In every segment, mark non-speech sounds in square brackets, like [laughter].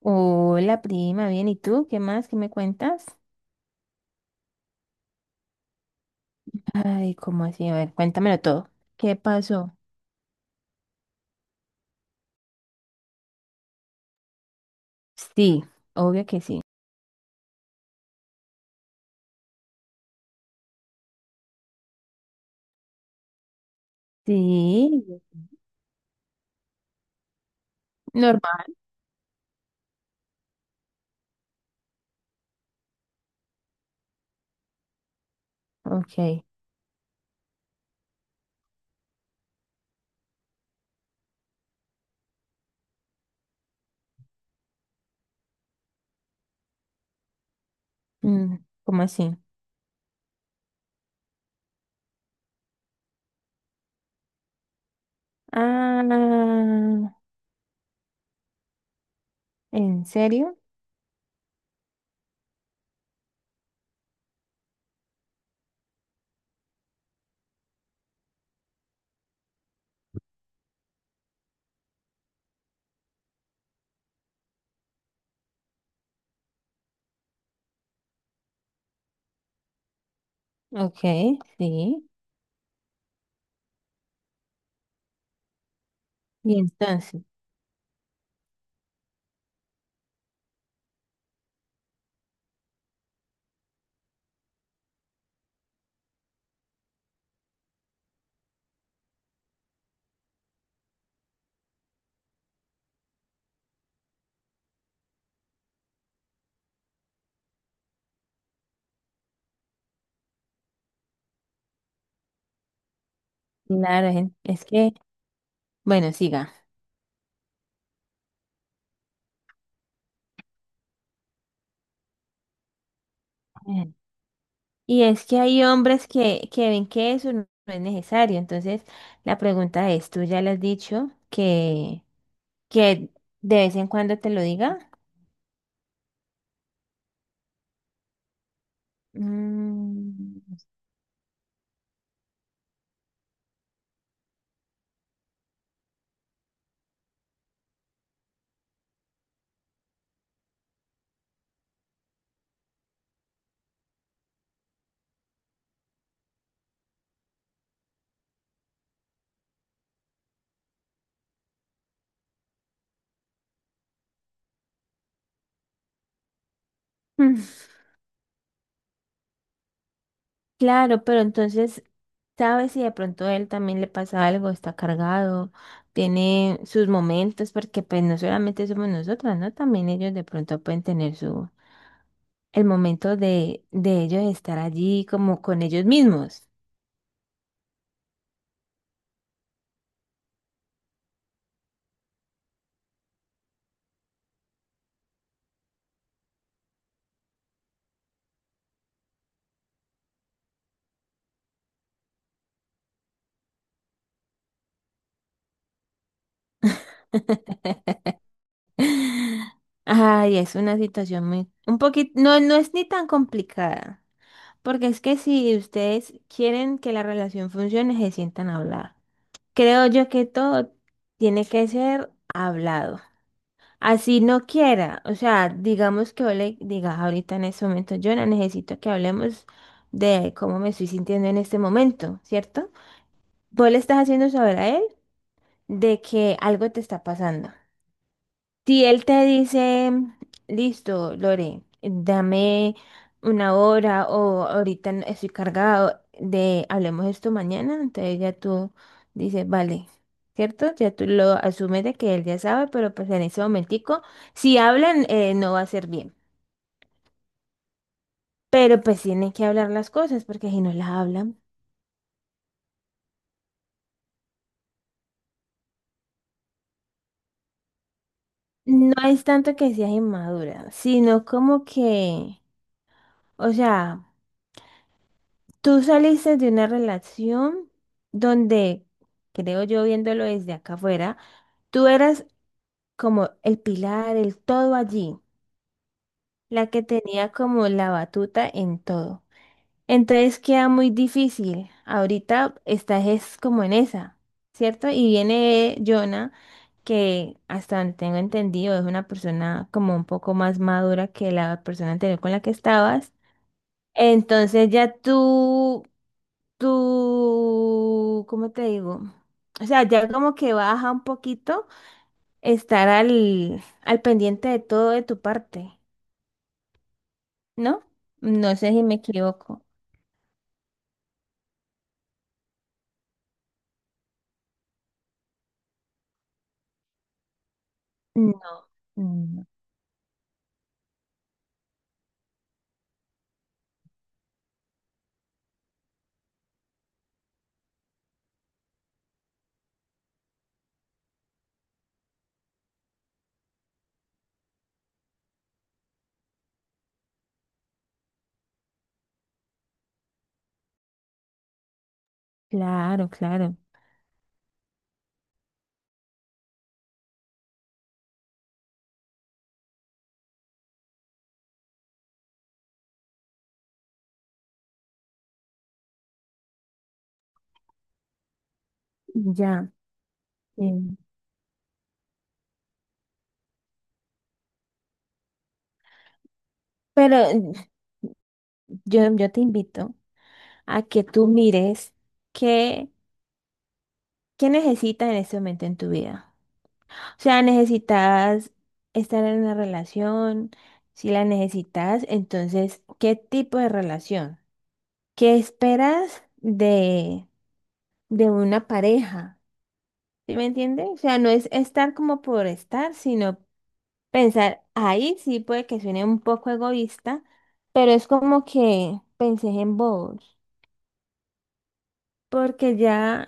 Hola, prima, bien, ¿y tú? ¿Qué más? ¿Qué me cuentas? Ay, ¿cómo así? A ver, cuéntamelo todo. ¿Qué pasó? Sí, obvio que sí. Sí, normal. Ok. Mm, ¿cómo así? Ah, ¿en serio? Ok, sí. Y entonces, claro, es que, bueno, siga. Eh, Y es que hay hombres que ven que eso no es necesario. Entonces, la pregunta es, ¿tú ya le has dicho que de vez en cuando te lo diga. Mm, mm, claro, pero entonces, ¿sabes si de pronto a él también le pasa algo? Está cargado, tiene sus momentos, porque pues no solamente somos nosotras, ¿no? También ellos de pronto pueden tener su, el momento de ellos estar allí como con ellos mismos. [laughs] Ay, es una situación muy, un poquito, no, no es ni tan complicada. Porque es que si ustedes quieren que la relación funcione, se sientan a hablar. Creo yo que todo tiene que ser hablado. Así no quiera, o sea, digamos que yo le digas ahorita en este momento, Jonah, necesito que hablemos de cómo me estoy sintiendo en este momento, ¿cierto? Vos le estás haciendo saber a él de que algo te está pasando. Si él te dice, listo, Lore, dame una hora o ahorita estoy cargado de hablemos esto mañana, entonces ya tú dices, vale, ¿cierto? Ya tú lo asumes de que él ya sabe, pero pues en ese momentico, si hablan, no va a ser bien. Pero pues tienen que hablar las cosas, porque si no las hablan, no es tanto que seas inmadura, sino como que, o sea... Tú saliste de una relación donde, creo yo viéndolo desde acá afuera, tú eras como el pilar, el todo allí, la que tenía como la batuta en todo. Entonces queda muy difícil. Ahorita estás es como en esa, ¿cierto? Y viene Jonah, que hasta donde tengo entendido es una persona como un poco más madura que la persona anterior con la que estabas. Entonces ya tú, ¿cómo te digo? O sea, ya como que baja un poquito estar al pendiente de todo de tu parte, ¿no? No sé si me equivoco. No, no. Claro, claro. Ya. em, Pero yo te invito a que tú mires qué, qué necesitas en este momento en tu vida. O sea, necesitas estar en una relación, si la necesitas, entonces, ¿qué tipo de relación? ¿Qué esperas de una pareja? ¿Sí me entiendes? O sea, no es estar como por estar, sino pensar, ahí sí puede que suene un poco egoísta, pero es como que pensé en vos, porque ya,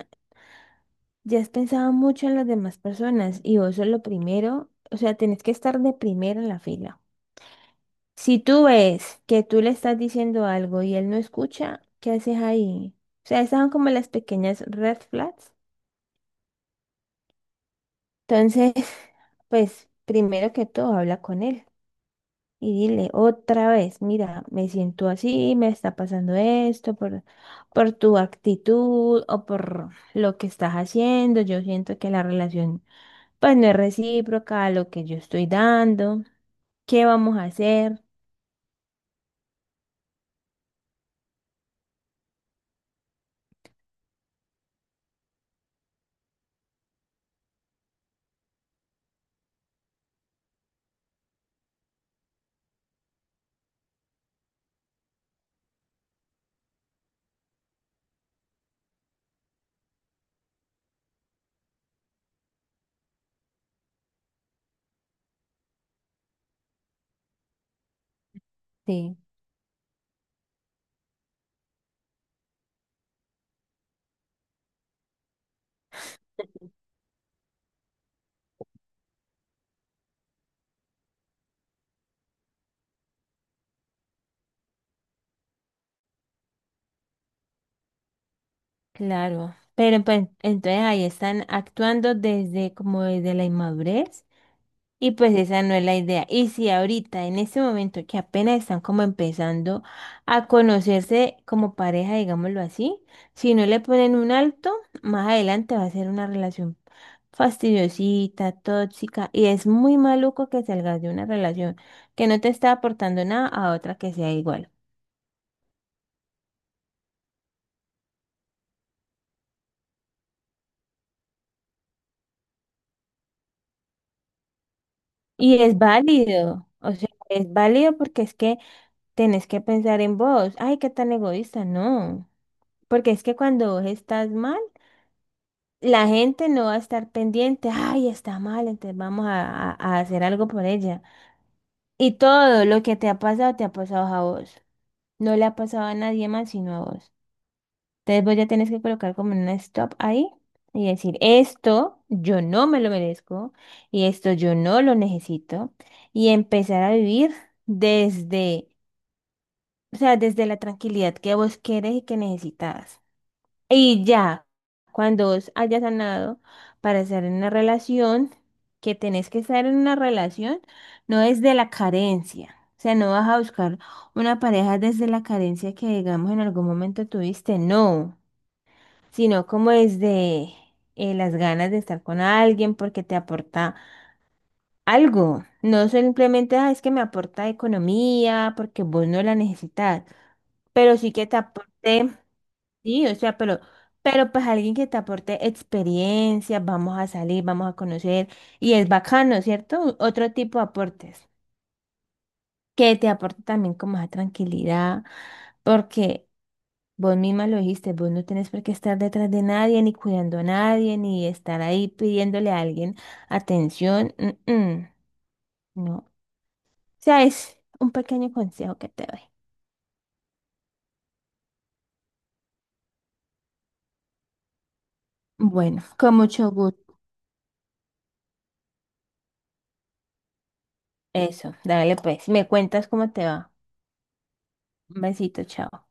ya has pensado mucho en las demás personas y vos sos lo primero, o sea, tenés que estar de primero en la fila. Si tú ves que tú le estás diciendo algo y él no escucha, ¿qué haces ahí? O sea, esas son como las pequeñas red flags. Entonces, [laughs] pues primero que todo, habla con él y dile otra vez, mira, me siento así, me está pasando esto por tu actitud o por lo que estás haciendo. Yo siento que la relación pues no es recíproca a lo que yo estoy dando. ¿Qué vamos a hacer? Sí. Claro, pero pues entonces ahí están actuando desde como desde la inmadurez y pues esa no es la idea. Y si ahorita en este momento que apenas están como empezando a conocerse como pareja, digámoslo así, si no le ponen un alto, más adelante va a ser una relación fastidiosita, tóxica y es muy maluco que salgas de una relación que no te está aportando nada a otra que sea igual. Y es válido, o sea, es válido porque es que tenés que pensar en vos. Ay, qué tan egoísta, no. Porque es que cuando vos estás mal, la gente no va a estar pendiente. Ay, está mal, entonces vamos a, a hacer algo por ella. Y todo lo que te ha pasado a vos. No le ha pasado a nadie más sino a vos. Entonces vos ya tenés que colocar como un stop ahí y decir, esto yo no me lo merezco y esto yo no lo necesito. Y empezar a vivir desde O sea, desde la tranquilidad que vos querés y que necesitas. Y ya, cuando vos hayas sanado para estar en una relación, que tenés que estar en una relación, no desde la carencia. O sea, no vas a buscar una pareja desde la carencia que, digamos, en algún momento tuviste, no, sino como desde las ganas de estar con alguien porque te aporta algo. No simplemente, "Ah, es que me aporta economía porque vos no la necesitas, pero sí que te aporte, sí, o sea, pero pues alguien que te aporte experiencia, vamos a salir, vamos a conocer, y es bacano, ¿cierto? Otro tipo de aportes, que te aporte también como esa tranquilidad, porque vos misma lo dijiste, vos no tenés por qué estar detrás de nadie, ni cuidando a nadie, ni estar ahí pidiéndole a alguien atención. Mm, mm. No. Sea, es un pequeño consejo que te doy. Bueno, con mucho gusto. Eso, dale pues. Me cuentas cómo te va. Un besito, chao.